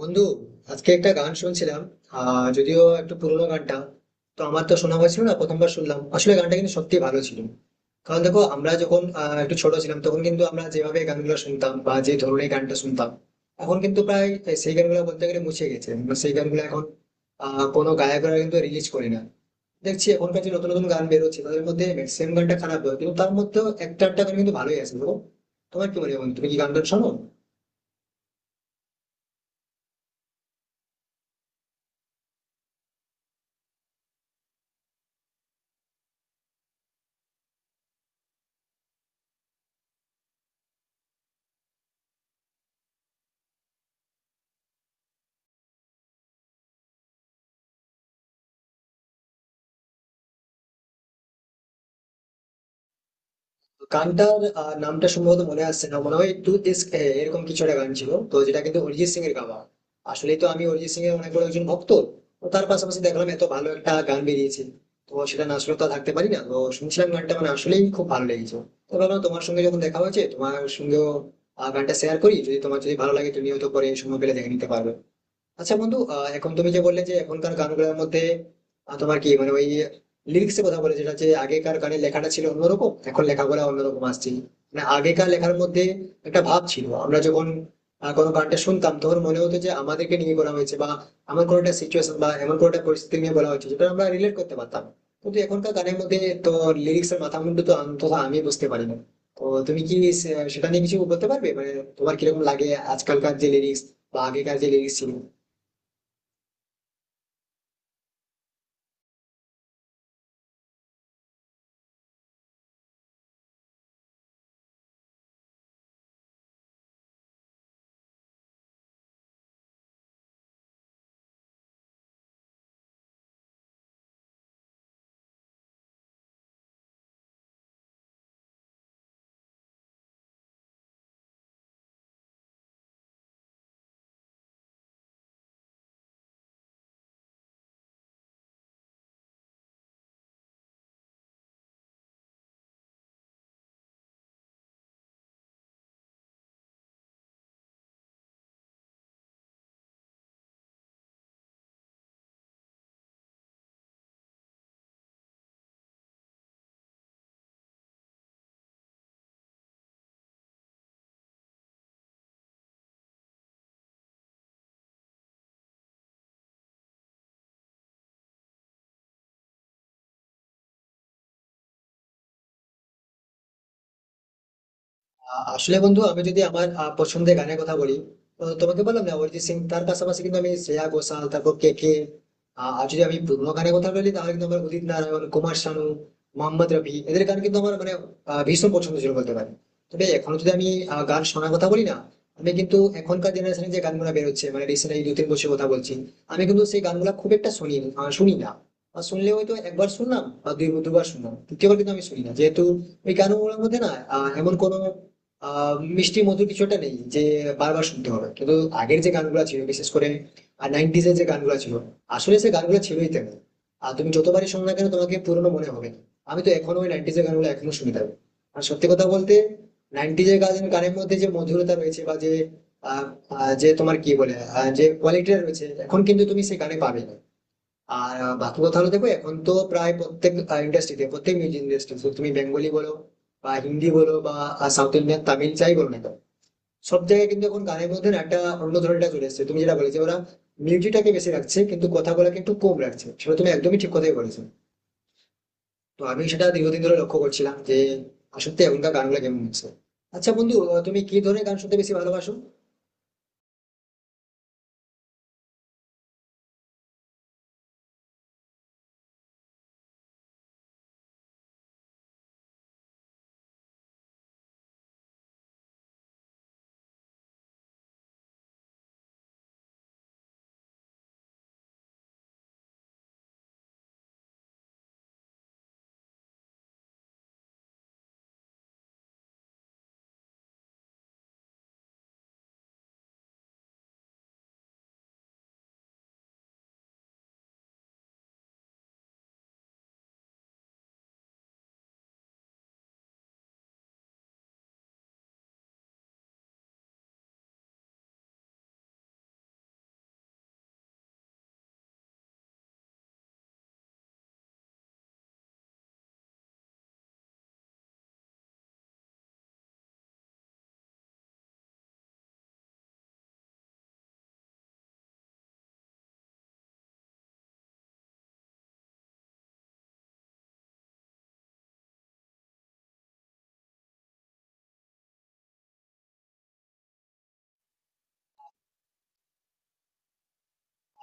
বন্ধু, আজকে একটা গান শুনছিলাম। যদিও একটু পুরোনো গানটা, তো আমার তো শোনা হয়েছিল না, প্রথমবার শুনলাম আসলে, গানটা কিন্তু সত্যি ভালো ছিল। কারণ দেখো, আমরা যখন একটু ছোট ছিলাম, তখন কিন্তু আমরা যেভাবে গানগুলো শুনতাম বা যে ধরনের গানটা শুনতাম, এখন কিন্তু প্রায় সেই গানগুলো বলতে গেলে মুছে গেছে। মানে সেই গানগুলো এখন কোনো গায়করা কিন্তু রিলিজ করে না। দেখছি এখনকার যে নতুন নতুন গান বেরোচ্ছে, তাদের মধ্যে ম্যাক্সিমাম গানটা খারাপ হয়, কিন্তু তার মধ্যেও একটা একটা গান কিন্তু ভালোই আছে দেখো। তোমার কি মনে হয় বন্ধু? তুমি কি গান টান শোনো? গানটার নামটা সম্ভবত মনে আসছে না, মনে হয় টু দিস এরকম কিছু একটা গান ছিল, তো যেটা কিন্তু অরিজিৎ সিং এর গাওয়া। আসলে তো আমি অরিজিৎ সিং এর অনেক বড় একজন ভক্ত। তো তার পাশাপাশি দেখলাম এত ভালো একটা গান বেরিয়েছে, তো সেটা না শুনে তো আর থাকতে পারি না। তো শুনছিলাম গানটা, মানে আসলেই খুব ভালো লেগেছে। তো ভাবলাম তোমার সঙ্গে যখন দেখা হয়েছে, তোমার সঙ্গেও গানটা শেয়ার করি। যদি তোমার যদি ভালো লাগে, তুমি হয়তো পরে সময় পেলে দেখে নিতে পারবে। আচ্ছা বন্ধু, এখন তুমি যে বললে যে এখনকার গানগুলোর মধ্যে, তোমার কি মানে ওই লিরিক্স এর কথা বলে, যেটা যে আগেকার গানের লেখাটা ছিল অন্যরকম, এখন লেখাগুলো অন্যরকম আসছে। মানে আগেকার লেখার মধ্যে একটা ভাব ছিল। আমরা যখন কোনো গানটা শুনতাম, তখন মনে হতো যে আমাদেরকে নিয়ে বলা হয়েছে, বা আমার কোনো একটা সিচুয়েশন বা এমন কোনো একটা পরিস্থিতি নিয়ে বলা হয়েছে, যেটা আমরা রিলেট করতে পারতাম। কিন্তু এখনকার গানের মধ্যে তো লিরিক্স এর মাথা মুন্ডু তো অন্তত আমি বুঝতে পারি না। তো তুমি কি সেটা নিয়ে কিছু বলতে পারবে, মানে তোমার কিরকম লাগে আজকালকার যে লিরিক্স বা আগেকার যে লিরিক্স ছিল? আসলে বন্ধু, আমি যদি আমার পছন্দের গানের কথা বলি, তো তোমাকে বললাম না অরিজিৎ সিং, তার পাশাপাশি কিন্তু আমি শ্রেয়া ঘোষাল, তারপর কে কে। আর যদি আমি পুরোনো গানের কথা বলি, তাহলে কিন্তু আমার উদিত নারায়ণ, কুমার শানু, মোহাম্মদ রফি এদের গান কিন্তু আমার মানে ভীষণ পছন্দ ছিল বলতে পারি। তবে এখন যদি আমি গান শোনার কথা বলি না, আমি কিন্তু এখনকার জেনারেশনে যে গানগুলো বেরোচ্ছে, মানে রিসেন্ট এই দু তিন বছর কথা বলছি, আমি কিন্তু সেই গানগুলো খুব একটা শুনি, শুনি না। বা শুনলে হয়তো একবার শুনলাম বা দুই দুবার শুনলাম, তৃতীয়বার কিন্তু আমি শুনি না, যেহেতু ওই গানগুলোর মধ্যে না এমন কোনো মিষ্টি মধু কিছুটা নেই যে বারবার শুনতে হবে। কিন্তু আগের যে গানগুলো ছিল, বিশেষ করে নাইনটিজ এর যে গানগুলো ছিল, আসলে সে গানগুলো ছিলই তেমন। আর তুমি যতবারই শোনো না কেন, তোমাকে পুরনো মনে হবে। আমি তো এখনো ওই নাইনটিজ এর গানগুলো এখনো শুনে থাকি। আর সত্যি কথা বলতে, নাইনটিজ এর গানের মধ্যে যে মধুরতা রয়েছে, বা যে আহ, আহ, যে তোমার কি বলে যে কোয়ালিটিটা রয়েছে, এখন কিন্তু তুমি সেই গানে পাবে না। আর বাকি কথা হলো, দেখো এখন তো প্রায় প্রত্যেক ইন্ডাস্ট্রিতে, প্রত্যেক মিউজিক ইন্ডাস্ট্রি, তুমি বেঙ্গলি বলো বা হিন্দি বলো বা সাউথ ইন্ডিয়ান তামিল যাই বলো না কেন, সব জায়গায় কিন্তু এখন গানের মধ্যে না একটা অন্য ধরনটা চলে এসেছে। তুমি যেটা বলে যে ওরা মিউজিকটাকে বেশি রাখছে, কিন্তু কথাগুলোকে একটু কম রাখছে, সেটা তুমি একদমই ঠিক কথাই বলেছো। তো আমি সেটা দীর্ঘদিন ধরে লক্ষ্য করছিলাম যে আসলে এখনকার গানগুলো কেমন হচ্ছে। আচ্ছা বন্ধু, তুমি কি ধরনের গান শুনতে বেশি ভালোবাসো?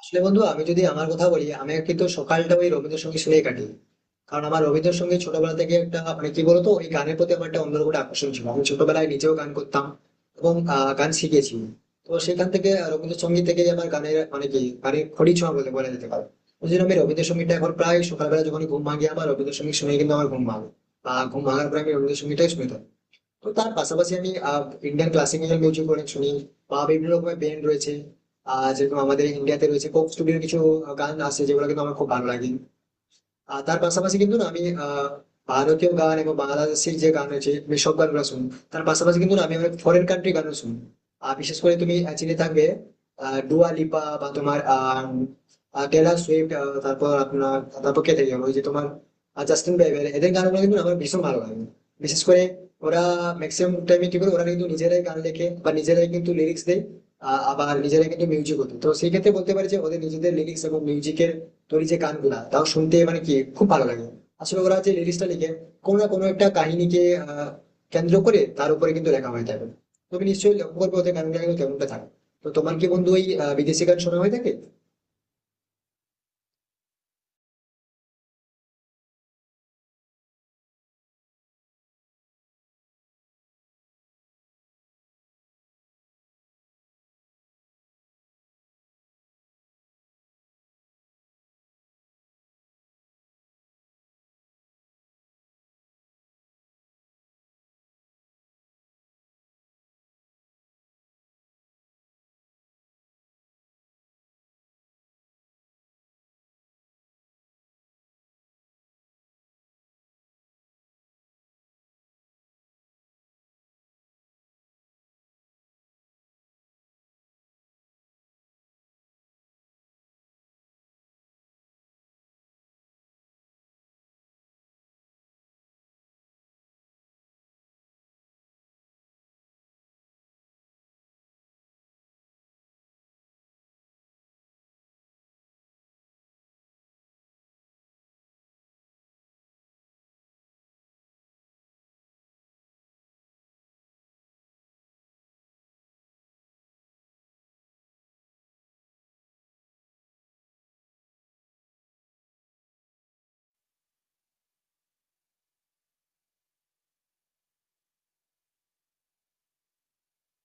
আসলে বন্ধু, আমি যদি আমার কথা বলি, আমি কিন্তু সকালটা ওই রবীন্দ্রসঙ্গীত শুনেই কাটি। কারণ আমার রবীন্দ্রসঙ্গীত ছোটবেলা থেকে একটা মানে কি বলতো, ওই গানের প্রতি আমার একটা অন্যরকম একটা আকর্ষণ ছিল। আমি ছোটবেলায় নিজেও গান করতাম এবং গান শিখেছি। তো সেখান থেকে রবীন্দ্রসঙ্গীত থেকে আমার গানের মানে কি গানের খড়ি ছোঁয়া বলে বলা যেতে পারে। ওই জন্য আমি রবীন্দ্রসঙ্গীতটা এখন প্রায় সকালবেলা যখন ঘুম ভাঙি, আমার রবীন্দ্রসঙ্গীত শুনে কিন্তু আমার ঘুম ভাঙে। বা ঘুম ভাঙার পরে আমি রবীন্দ্রসঙ্গীতটাই শুনে থাকি। তো তার পাশাপাশি আমি ইন্ডিয়ান ক্লাসিক্যাল মিউজিক অনেক শুনি, বা বিভিন্ন রকমের ব্যান্ড রয়েছে। যেরকম আমাদের ইন্ডিয়াতে রয়েছে কোক স্টুডিওর কিছু গান আছে, যেগুলো কিন্তু আমার খুব ভালো লাগে। আর তার পাশাপাশি কিন্তু না আমি ভারতীয় গান এবং বাংলাদেশের যে গান রয়েছে আমি সব গানগুলো শুনি। তার পাশাপাশি কিন্তু না আমি অনেক ফরেন কান্ট্রি গানও শুনি। আর বিশেষ করে তুমি চিনে থাকবে ডুয়া লিপা বা তোমার টেলর সুইফট, তারপর আপনার, তারপর কে থেকে গেলো? ওই যে তোমার জাস্টিন বিবার, এদের গানগুলো কিন্তু আমার ভীষণ ভালো লাগে। বিশেষ করে ওরা ম্যাক্সিমাম টাইমে কি করে, ওরা কিন্তু নিজেরাই গান লেখে বা নিজেরাই কিন্তু লিরিক্স দেয়, আবার নিজেরাই কিন্তু মিউজিকও দেয়। তো সেই ক্ষেত্রে বলতে পারি যে ওদের নিজেদের লিরিক্স এবং মিউজিকের তোর এই যে গানগুলা, তাও শুনতে মানে কি খুব ভালো লাগে। আসলে ওরা যে লিরিক্সটা লিখে কোনো না কোনো একটা কাহিনীকে কেন্দ্র করে তার উপরে কিন্তু লেখা হয়ে থাকে। তুমি নিশ্চয়ই লক্ষ্য করবে, ওদের গানগুলো কিন্তু কেমনটা থাকে। তো তোমার কি বন্ধু ওই বিদেশি গান শোনা হয়ে থাকে?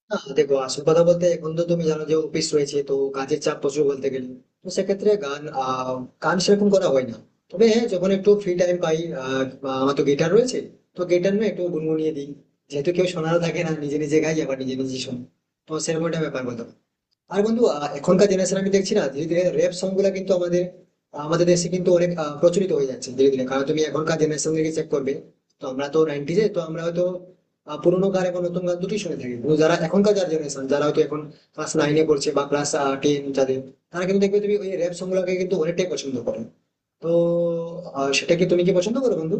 না দেখো, আসল কথা বলতে এখন তো তুমি জানো যে অফিস রয়েছে, তো কাজের চাপ প্রচুর বলতে গেলে। তো সেক্ষেত্রে গান সেরকম করা হয় না। তবে হ্যাঁ যখন একটু ফ্রি টাইম পাই, বা আমার তো গিটার রয়েছে, তো গিটার না একটু গুনগুনিয়ে দিই। যেহেতু কেউ শোনারও থাকে না, নিজে নিজে গাই আবার নিজে নিজে শুনি। তো সেরকম একটা ব্যাপার বলতে পারো। আর বন্ধু, এখনকার জেনারেশন আমি দেখছি না, ধীরে ধীরে র্যাপ সং গুলা কিন্তু আমাদের আমাদের দেশে কিন্তু অনেক প্রচলিত হয়ে যাচ্ছে ধীরে ধীরে। কারণ তুমি এখনকার জেনারেশন থেকে চেক করবে, তো আমরা তো নাইনটিজে তো আমরা হয়তো পুরোনো গান এবং নতুন গান দুটোই শুনে থাকি। কিন্তু যারা এখনকার যারা জেনারেশন, যারা হয়তো এখন ক্লাস নাইনে পড়ছে বা ক্লাস টেন, যাদের, তারা কিন্তু দেখবে তুমি ওই র্যাপ সং গুলাকে কিন্তু অনেকটাই পছন্দ করে। তো সেটা কি তুমি কি পছন্দ করো বন্ধু?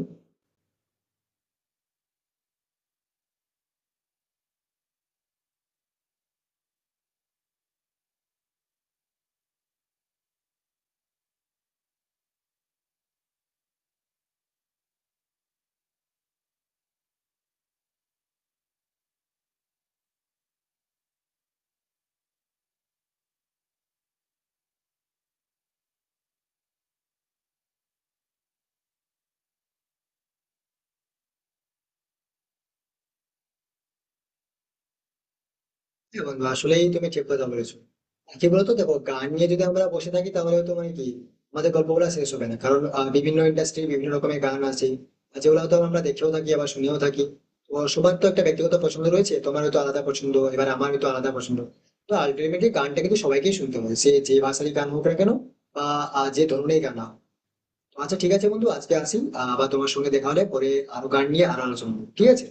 হ্যাঁ বন্ধু, আসলেই তুমি ঠিক কথা বলেছো। আর কি বলতো, দেখো গান নিয়ে যদি আমরা বসে থাকি, তাহলে তো মানে কি আমাদের গল্পগুলো শেষ হবে না, কারণ বিভিন্ন ইন্ডাস্ট্রি বিভিন্ন রকমের গান আছে, আর যেগুলো হয়তো আমরা দেখেও থাকি আবার শুনেও থাকি। তো সবার তো একটা ব্যক্তিগত পছন্দ রয়েছে, তোমার হয়তো আলাদা পছন্দ, এবার আমার হয়তো আলাদা পছন্দ। তো আলটিমেটলি গানটা কিন্তু সবাইকেই শুনতে হবে, সে যে ভাষারই গান হোক না কেন, বা যে ধরনের গান না হোক। তো আচ্ছা ঠিক আছে বন্ধু, আজকে আসি, আবার তোমার সঙ্গে দেখা হলে পরে আরো গান নিয়ে আরো আলোচনা করবো। ঠিক আছে।